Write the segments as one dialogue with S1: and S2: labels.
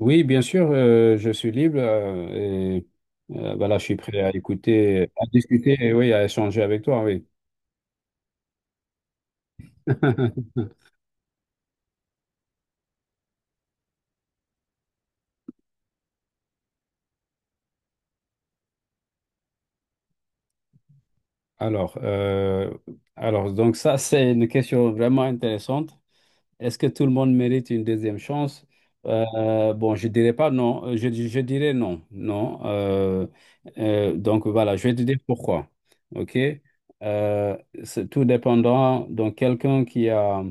S1: Oui, bien sûr, je suis libre et voilà, je suis prêt à écouter, à discuter et oui, à échanger avec toi, oui. Alors, donc ça, c'est une question vraiment intéressante. Est-ce que tout le monde mérite une deuxième chance? Bon, je dirais pas non. Je dirais non, non. Donc voilà, je vais te dire pourquoi. OK? Euh, c'est tout dépendant. Donc quelqu'un qui a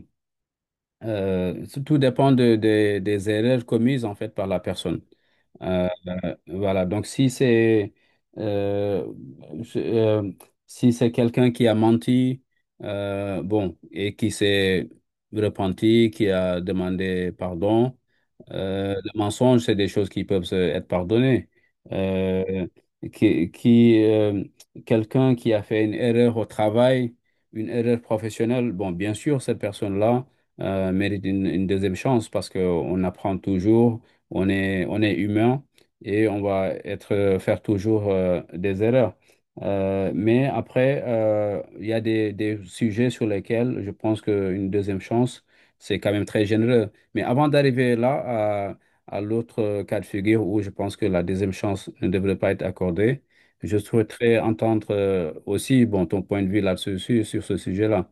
S1: Tout dépend des erreurs commises en fait par la personne. Euh, voilà, donc si c'est euh, je- euh, si c'est quelqu'un qui a menti, bon, et qui s'est repenti, qui a demandé pardon. Le mensonge, c'est des choses qui peuvent être pardonnées. Euh, qui, qui, euh, Quelqu'un qui a fait une erreur au travail, une erreur professionnelle, bon, bien sûr, cette personne-là mérite une deuxième chance parce qu'on apprend toujours. On est humain et on va faire toujours des erreurs. Mais après, il y a des sujets sur lesquels je pense qu'une deuxième chance, c'est quand même très généreux. Mais avant d'arriver à l'autre cas de figure où je pense que la deuxième chance ne devrait pas être accordée, je souhaiterais entendre aussi bon, ton point de vue là-dessus, sur ce sujet-là.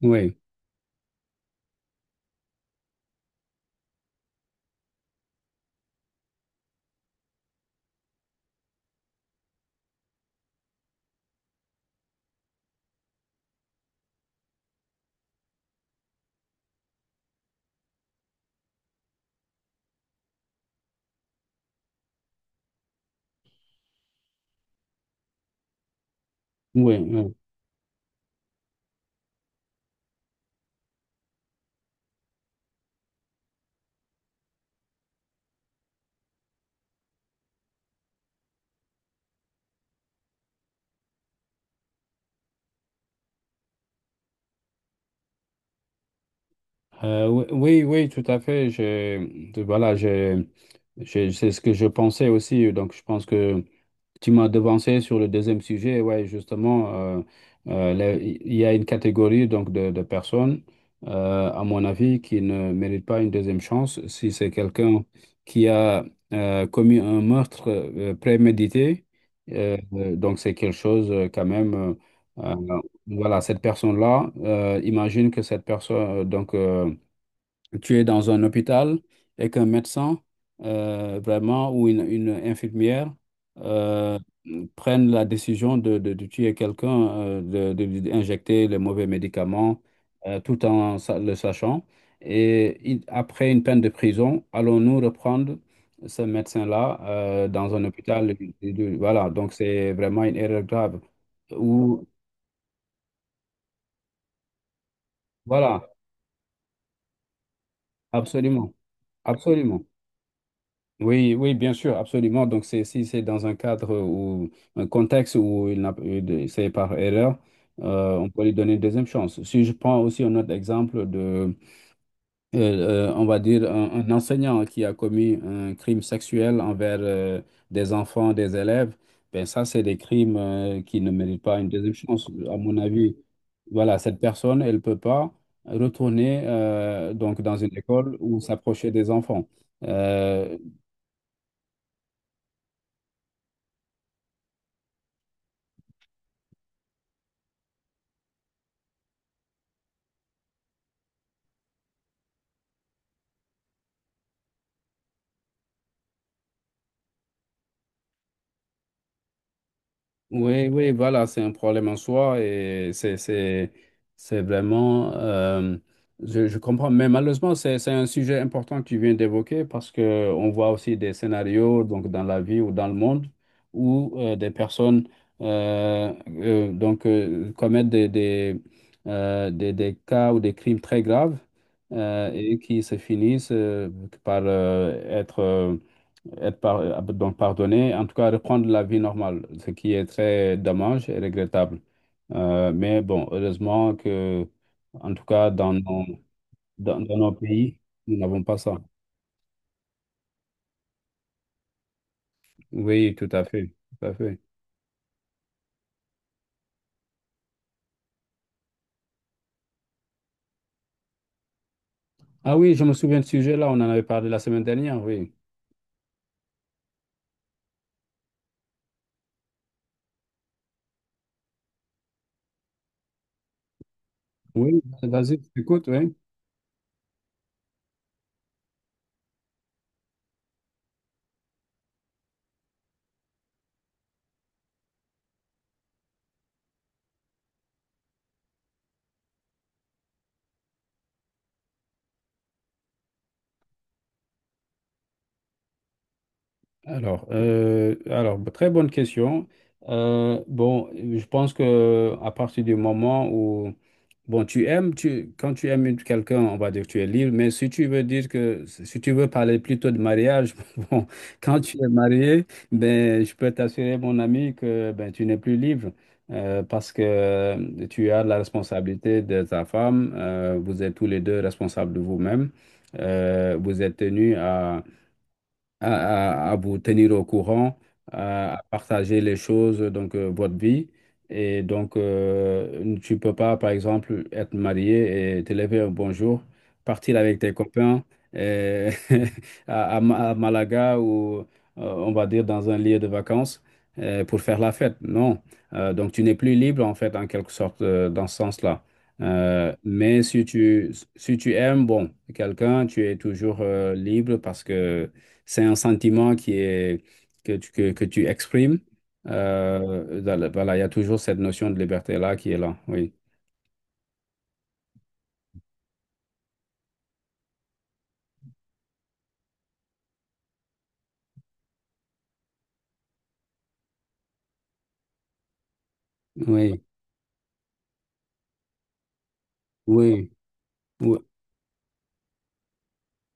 S1: Oui, oui, oui. Oui, oui, oui, tout à fait. Voilà, c'est ce que je pensais aussi. Donc, je pense que tu m'as devancé sur le deuxième sujet. Ouais, justement, là, il y a une catégorie donc de personnes, à mon avis, qui ne méritent pas une deuxième chance. Si c'est quelqu'un qui a commis un meurtre prémédité, donc c'est quelque chose quand même. Euh, voilà, cette personne-là, imagine que cette personne, tu es dans un hôpital et qu'un médecin, vraiment, ou une infirmière, euh, prennent la décision de tuer quelqu'un, de lui injecter les mauvais médicaments, tout en le sachant. Et après une peine de prison, allons-nous reprendre ce médecin-là, dans un hôpital? Voilà, donc c'est vraiment une erreur grave. Ou, voilà, absolument, absolument. Oui, oui, bien sûr, absolument. Donc, c'est, si c'est dans un cadre ou un contexte où il n'a c'est par erreur, on peut lui donner une deuxième chance. Si je prends aussi un autre exemple de, on va dire, un enseignant qui a commis un crime sexuel envers des enfants, des élèves, ben ça, c'est des crimes qui ne méritent pas une deuxième chance, à mon avis. Voilà, cette personne, elle ne peut pas retourner donc dans une école ou s'approcher des enfants. Euh, Oui, oui, voilà, c'est un problème en soi et c'est vraiment, je comprends, mais malheureusement, c'est un sujet important que tu viens d'évoquer parce que on voit aussi des scénarios donc, dans la vie ou dans le monde où des personnes euh, commettent des cas ou des crimes très graves et qui se finissent par être donc pardonné, en tout cas reprendre la vie normale, ce qui est très dommage et regrettable. Mais bon, heureusement que, en tout cas, dans nos pays, nous n'avons pas ça. Oui, tout à fait, tout à fait. Ah oui, je me souviens de ce sujet-là, on en avait parlé la semaine dernière, oui. Oui, vas-y, écoute, oui. Alors, très bonne question. Bon, je pense que à partir du moment où, bon, quand tu aimes quelqu'un, on va dire que tu es libre, mais si tu veux dire que, si tu veux parler plutôt de mariage, bon, quand tu es marié, ben, je peux t'assurer, mon ami, que ben, tu n'es plus libre. Parce que tu as la responsabilité de ta femme, vous êtes tous les deux responsables de vous-même, vous êtes tenus à vous tenir au courant, à partager les choses, donc votre vie. Et donc, tu peux pas, par exemple, être marié et te lever un bonjour, partir avec tes copains euh, à Malaga ou, on va dire, dans un lieu de vacances pour faire la fête. Non. Donc, tu n'es plus libre, en fait, en quelque sorte, dans ce sens-là. Mais si tu, si tu aimes, bon, quelqu'un, tu es toujours libre parce que c'est un sentiment qui est, que tu exprimes. Voilà, il y a toujours cette notion de liberté-là qui est là. Oui. Oui. Oui. Oui.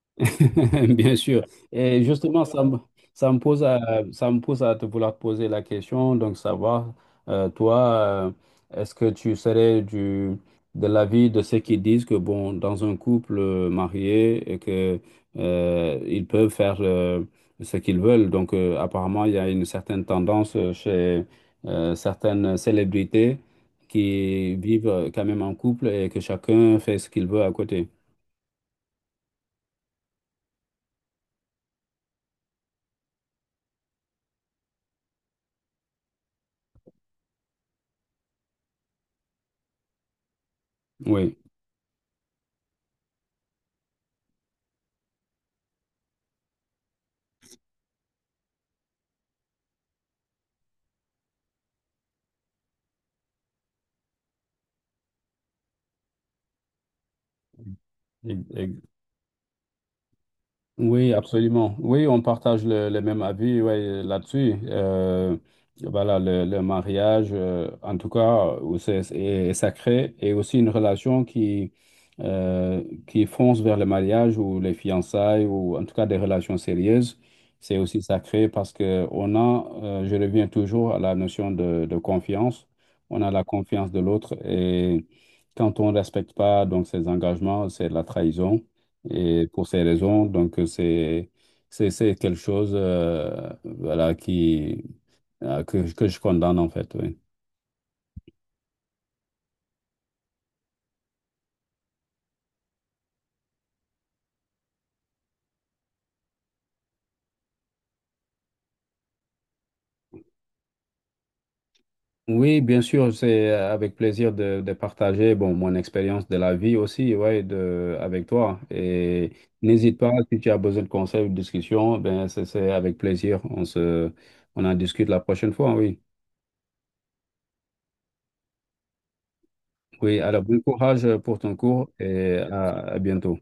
S1: Bien sûr. Et justement, ça me ça me pousse à te vouloir poser la question. Donc, savoir, toi, est-ce que tu serais de l'avis de ceux qui disent que, bon, dans un couple marié, et que, ils peuvent faire ce qu'ils veulent. Donc, apparemment, il y a une certaine tendance chez certaines célébrités qui vivent quand même en couple et que chacun fait ce qu'il veut à côté. Oui, e- oui, absolument. Oui, on partage le même avis ouais, là-dessus. Voilà, le mariage, en tout cas, est sacré et aussi une relation qui fonce vers le mariage ou les fiançailles ou en tout cas des relations sérieuses. C'est aussi sacré parce que on a, je reviens toujours à la notion de confiance. On a la confiance de l'autre et quand on ne respecte pas donc ses engagements, c'est de la trahison. Et pour ces raisons, donc c'est quelque chose voilà qui que je condamne en fait, oui. Oui, bien sûr, c'est avec plaisir de partager bon, mon expérience de la vie aussi, ouais, de, avec toi. Et n'hésite pas, si tu as besoin de conseils ou de discussions, ben c'est avec plaisir. On en discute la prochaine fois, oui. Oui, alors bon courage pour ton cours et à bientôt.